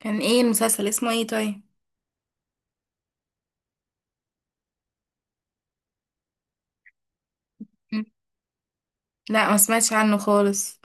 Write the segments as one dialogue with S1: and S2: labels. S1: كان ايه المسلسل اسمه ايه طيب؟ مم. لا ما سمعتش عنه خالص.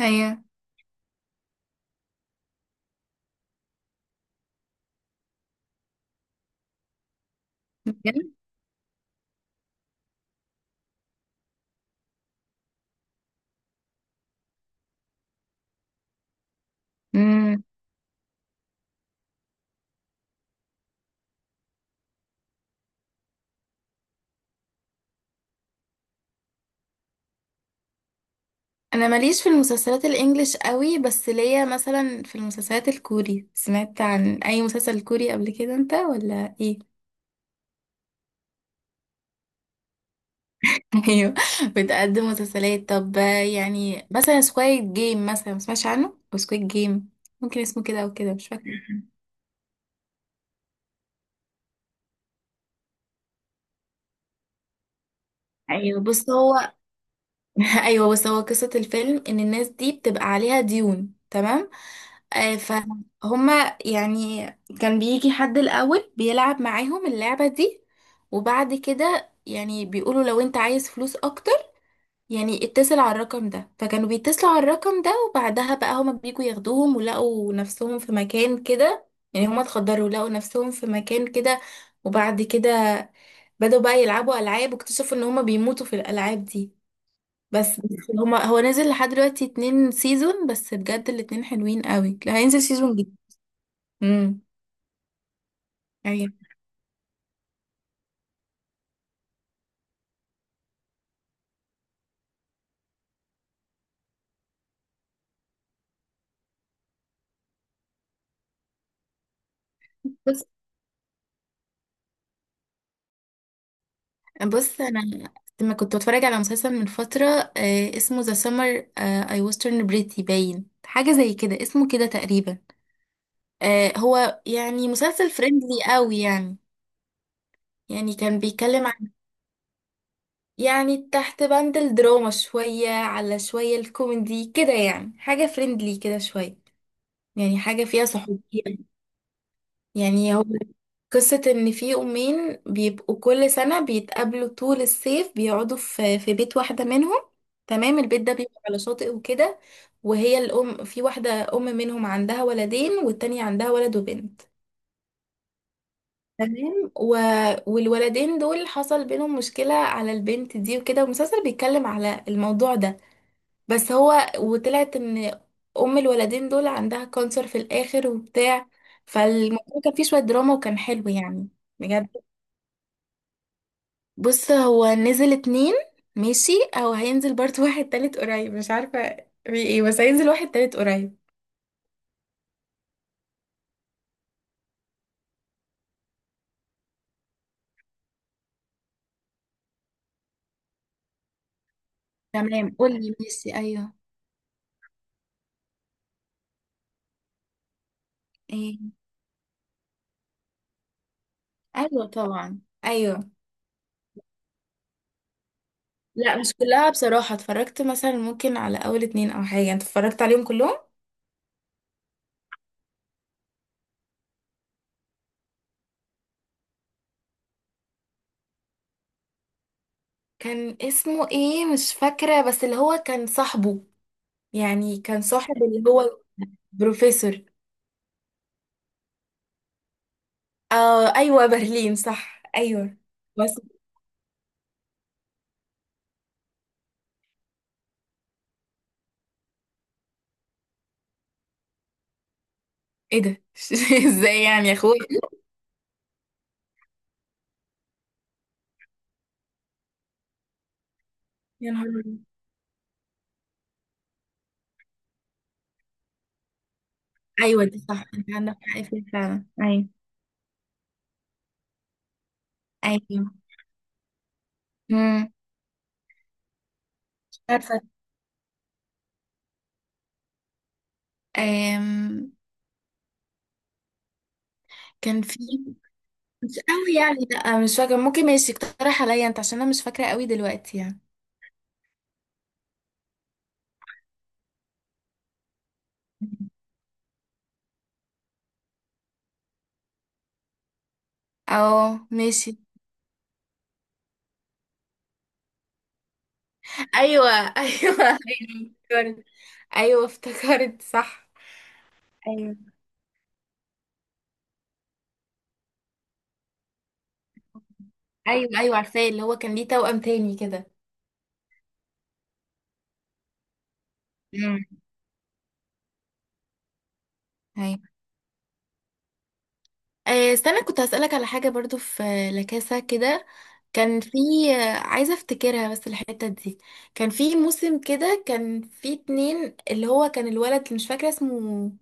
S1: هي امم انا ماليش في المسلسلات الانجليش قوي، بس ليا مثلا في المسلسلات الكوري. سمعت عن اي مسلسل كوري قبل كده انت ولا ايه؟ ايوه، بتقدم مسلسلات. طب يعني مثلا سكويد جيم، مثلا ما سمعتش عنه سكويد جيم؟ ممكن اسمه كده او كده، مش فاكره. ايوه بص هو ايوه، بس هو قصه الفيلم ان الناس دي بتبقى عليها ديون، تمام؟ آه، فهما يعني. كان بيجي حد الاول بيلعب معاهم اللعبه دي، وبعد كده يعني بيقولوا لو انت عايز فلوس اكتر يعني اتصل على الرقم ده. فكانوا بيتصلوا على الرقم ده، وبعدها بقى هما بيجوا ياخدوهم ولقوا نفسهم في مكان كده. يعني هما اتخدروا، لقوا نفسهم في مكان كده. وبعد كده بدأوا بقى يلعبوا ألعاب، واكتشفوا ان هما بيموتوا في الألعاب دي. بس هما هو نزل لحد دلوقتي اتنين سيزون بس، بجد الاتنين حلوين قوي. لا، هينزل سيزون جديد. امم. ايوه. بص بص انا لما كنت بتفرج على مسلسل من فترة، آه اسمه ذا سمر اي وسترن بريتي باين، حاجة زي كده اسمه كده تقريبا. آه هو يعني مسلسل فريندلي قوي يعني. يعني كان بيتكلم عن، يعني تحت بند الدراما شوية على شوية الكوميدي كده، يعني حاجة فريندلي كده شوية. يعني حاجة فيها صحوبية. يعني هو قصة إن في أمين بيبقوا كل سنة بيتقابلوا طول الصيف، بيقعدوا في بيت واحدة منهم. تمام، البيت ده بيبقى على شاطئ وكده. وهي الأم في واحدة أم منهم عندها ولدين، والتانية عندها ولد وبنت. تمام والولدين دول حصل بينهم مشكلة على البنت دي وكده، والمسلسل بيتكلم على الموضوع ده. بس هو وطلعت ان ام الولدين دول عندها كانسر في الاخر وبتاع. فالموضوع كان فيه شوية دراما، وكان حلو يعني. بجد. بص هو نزل اتنين، ماشي او هينزل برضه واحد تالت قريب، مش عارفة في ايه، بس هينزل واحد تالت قريب. تمام، قولي، ماشي. ايوه. ايه؟ ايوه طبعا، ايوه. لا مش كلها بصراحة، اتفرجت مثلا ممكن على اول اتنين او حاجة. انت اتفرجت عليهم كلهم؟ كان اسمه ايه مش فاكرة، بس اللي هو كان صاحبه، يعني كان صاحب اللي هو بروفيسور. آه ايوه برلين صح، ايوه. بس ايه ده؟ ازاي يعني يا اخويا؟ يا نهار أبيض. ايوه دي صح، انت عندك حق فيها فعلا، ايوه. ايوه. امم. عارفه. أم... كان في، مش قوي يعني، لا مش فاكره. ممكن ماشي اقترح عليا انت، عشان انا مش فاكره قوي دلوقتي يعني. اه ماشي. ايوه. ايوه ايوه افتكرت. ايوه افتكرت صح. ايوه. ايوه ايوه عارفاه، اللي هو كان ليه توأم تاني كده. مم. ايوه. آه، استنى، كنت هسألك على حاجة برضو، في لكاسة كده. كان في، آه عايزة افتكرها بس الحتة دي. كان في موسم كده، كان في اتنين، اللي هو كان الولد مش فاكرة اسمه،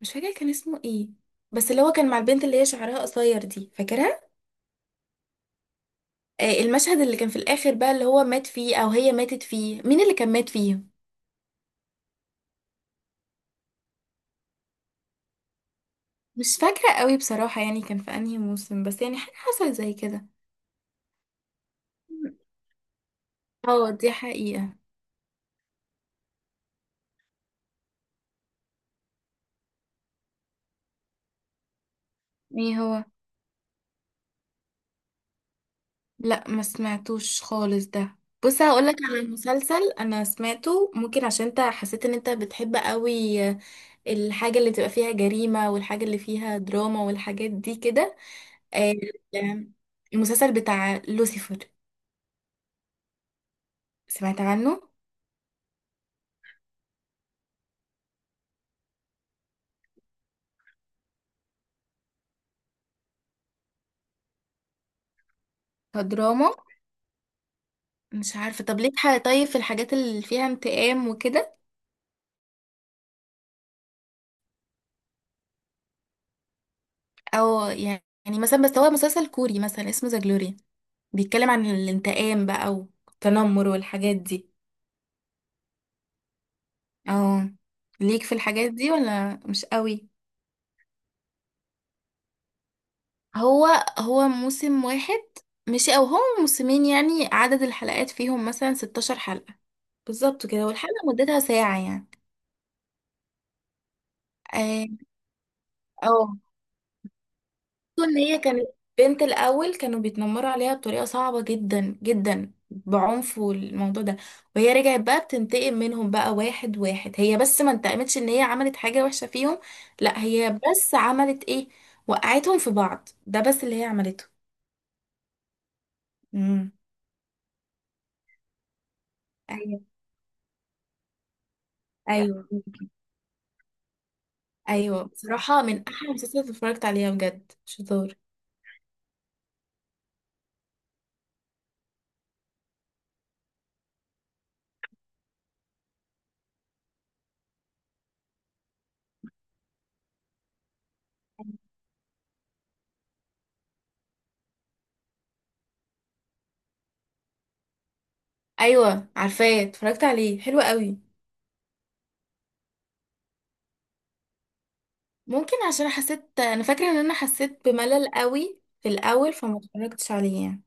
S1: مش فاكرة كان اسمه ايه، بس اللي هو كان مع البنت اللي هي شعرها قصير دي، فاكرها؟ آه، المشهد اللي كان في الآخر بقى اللي هو مات فيه او هي ماتت فيه، مين اللي كان مات فيه؟ مش فاكرة قوي بصراحة يعني، كان في انهي موسم، بس يعني حاجة حصلت زي كده. اه دي حقيقة. ايه هو؟ لا ما سمعتوش خالص ده. بص هقولك على مسلسل انا سمعته، ممكن عشان انت حسيت ان انت بتحب قوي الحاجة اللي بتبقى فيها جريمة، والحاجة اللي فيها دراما والحاجات دي كده. آه، المسلسل بتاع لوسيفر، سمعت عنه؟ كدراما. مش عارفة، طب ليك حاجة طيب في الحاجات اللي فيها انتقام وكده؟ او يعني، يعني مثلا، بس هو مسلسل كوري مثلا اسمه ذا جلوري، بيتكلم عن الانتقام بقى والتنمر والحاجات دي. اه. ليك في الحاجات دي ولا مش قوي؟ هو هو موسم واحد ماشي، او هم موسمين، يعني عدد الحلقات فيهم مثلا 16 حلقة بالظبط كده، والحلقة مدتها ساعة يعني. اه. أو. ان هي كانت بنت، الاول كانوا بيتنمروا عليها بطريقة صعبة جدا جدا بعنف والموضوع ده، وهي رجعت بقى بتنتقم منهم بقى واحد واحد. هي بس ما انتقمتش ان هي عملت حاجة وحشة فيهم، لا هي بس عملت ايه، وقعتهم في بعض، ده بس اللي هي عملته. امم. ايوه. ايوه. ايوه بصراحه من احلى المسلسلات اللي اتفرجت عليها، بجد شطار. ايوه عارفاه، اتفرجت عليه، حلو قوي. ممكن عشان حسيت، انا فاكره ان انا حسيت بملل قوي في الاول فما اتفرجتش عليه يعني.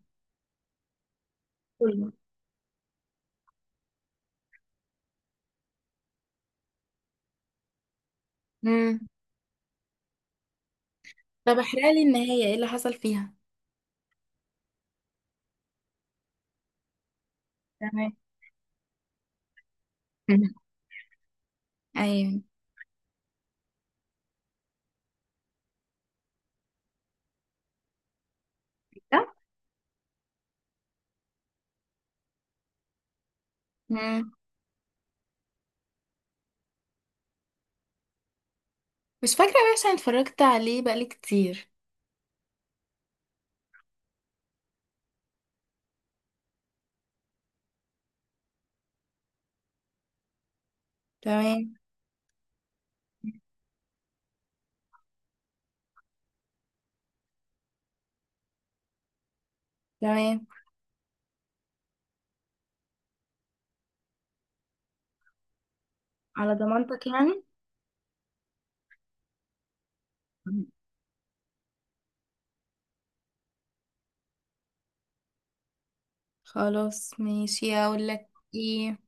S1: كله. امم. طب احرق لي النهايه، ايه اللي حصل فيها؟ تمام. ايوه. ده؟ امم مش فاكره بقى عشان اتفرجت عليه بقالي كتير. تمام. تمام، على ضمانتك يعني. خلاص ماشي، اقول لك. ايه.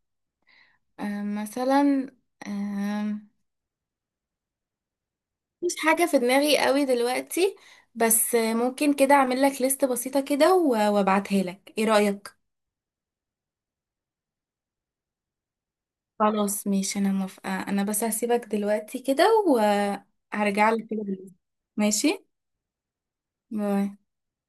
S1: آه، مثلا، آه، مش حاجة في دماغي قوي دلوقتي. بس آه، ممكن كده اعمل لك ليست بسيطة كده وابعتها لك، ايه رأيك؟ خلاص ماشي، انا موافقة. انا بس هسيبك دلوقتي كده، وهرجع لك كده بالليل. ماشي. باي.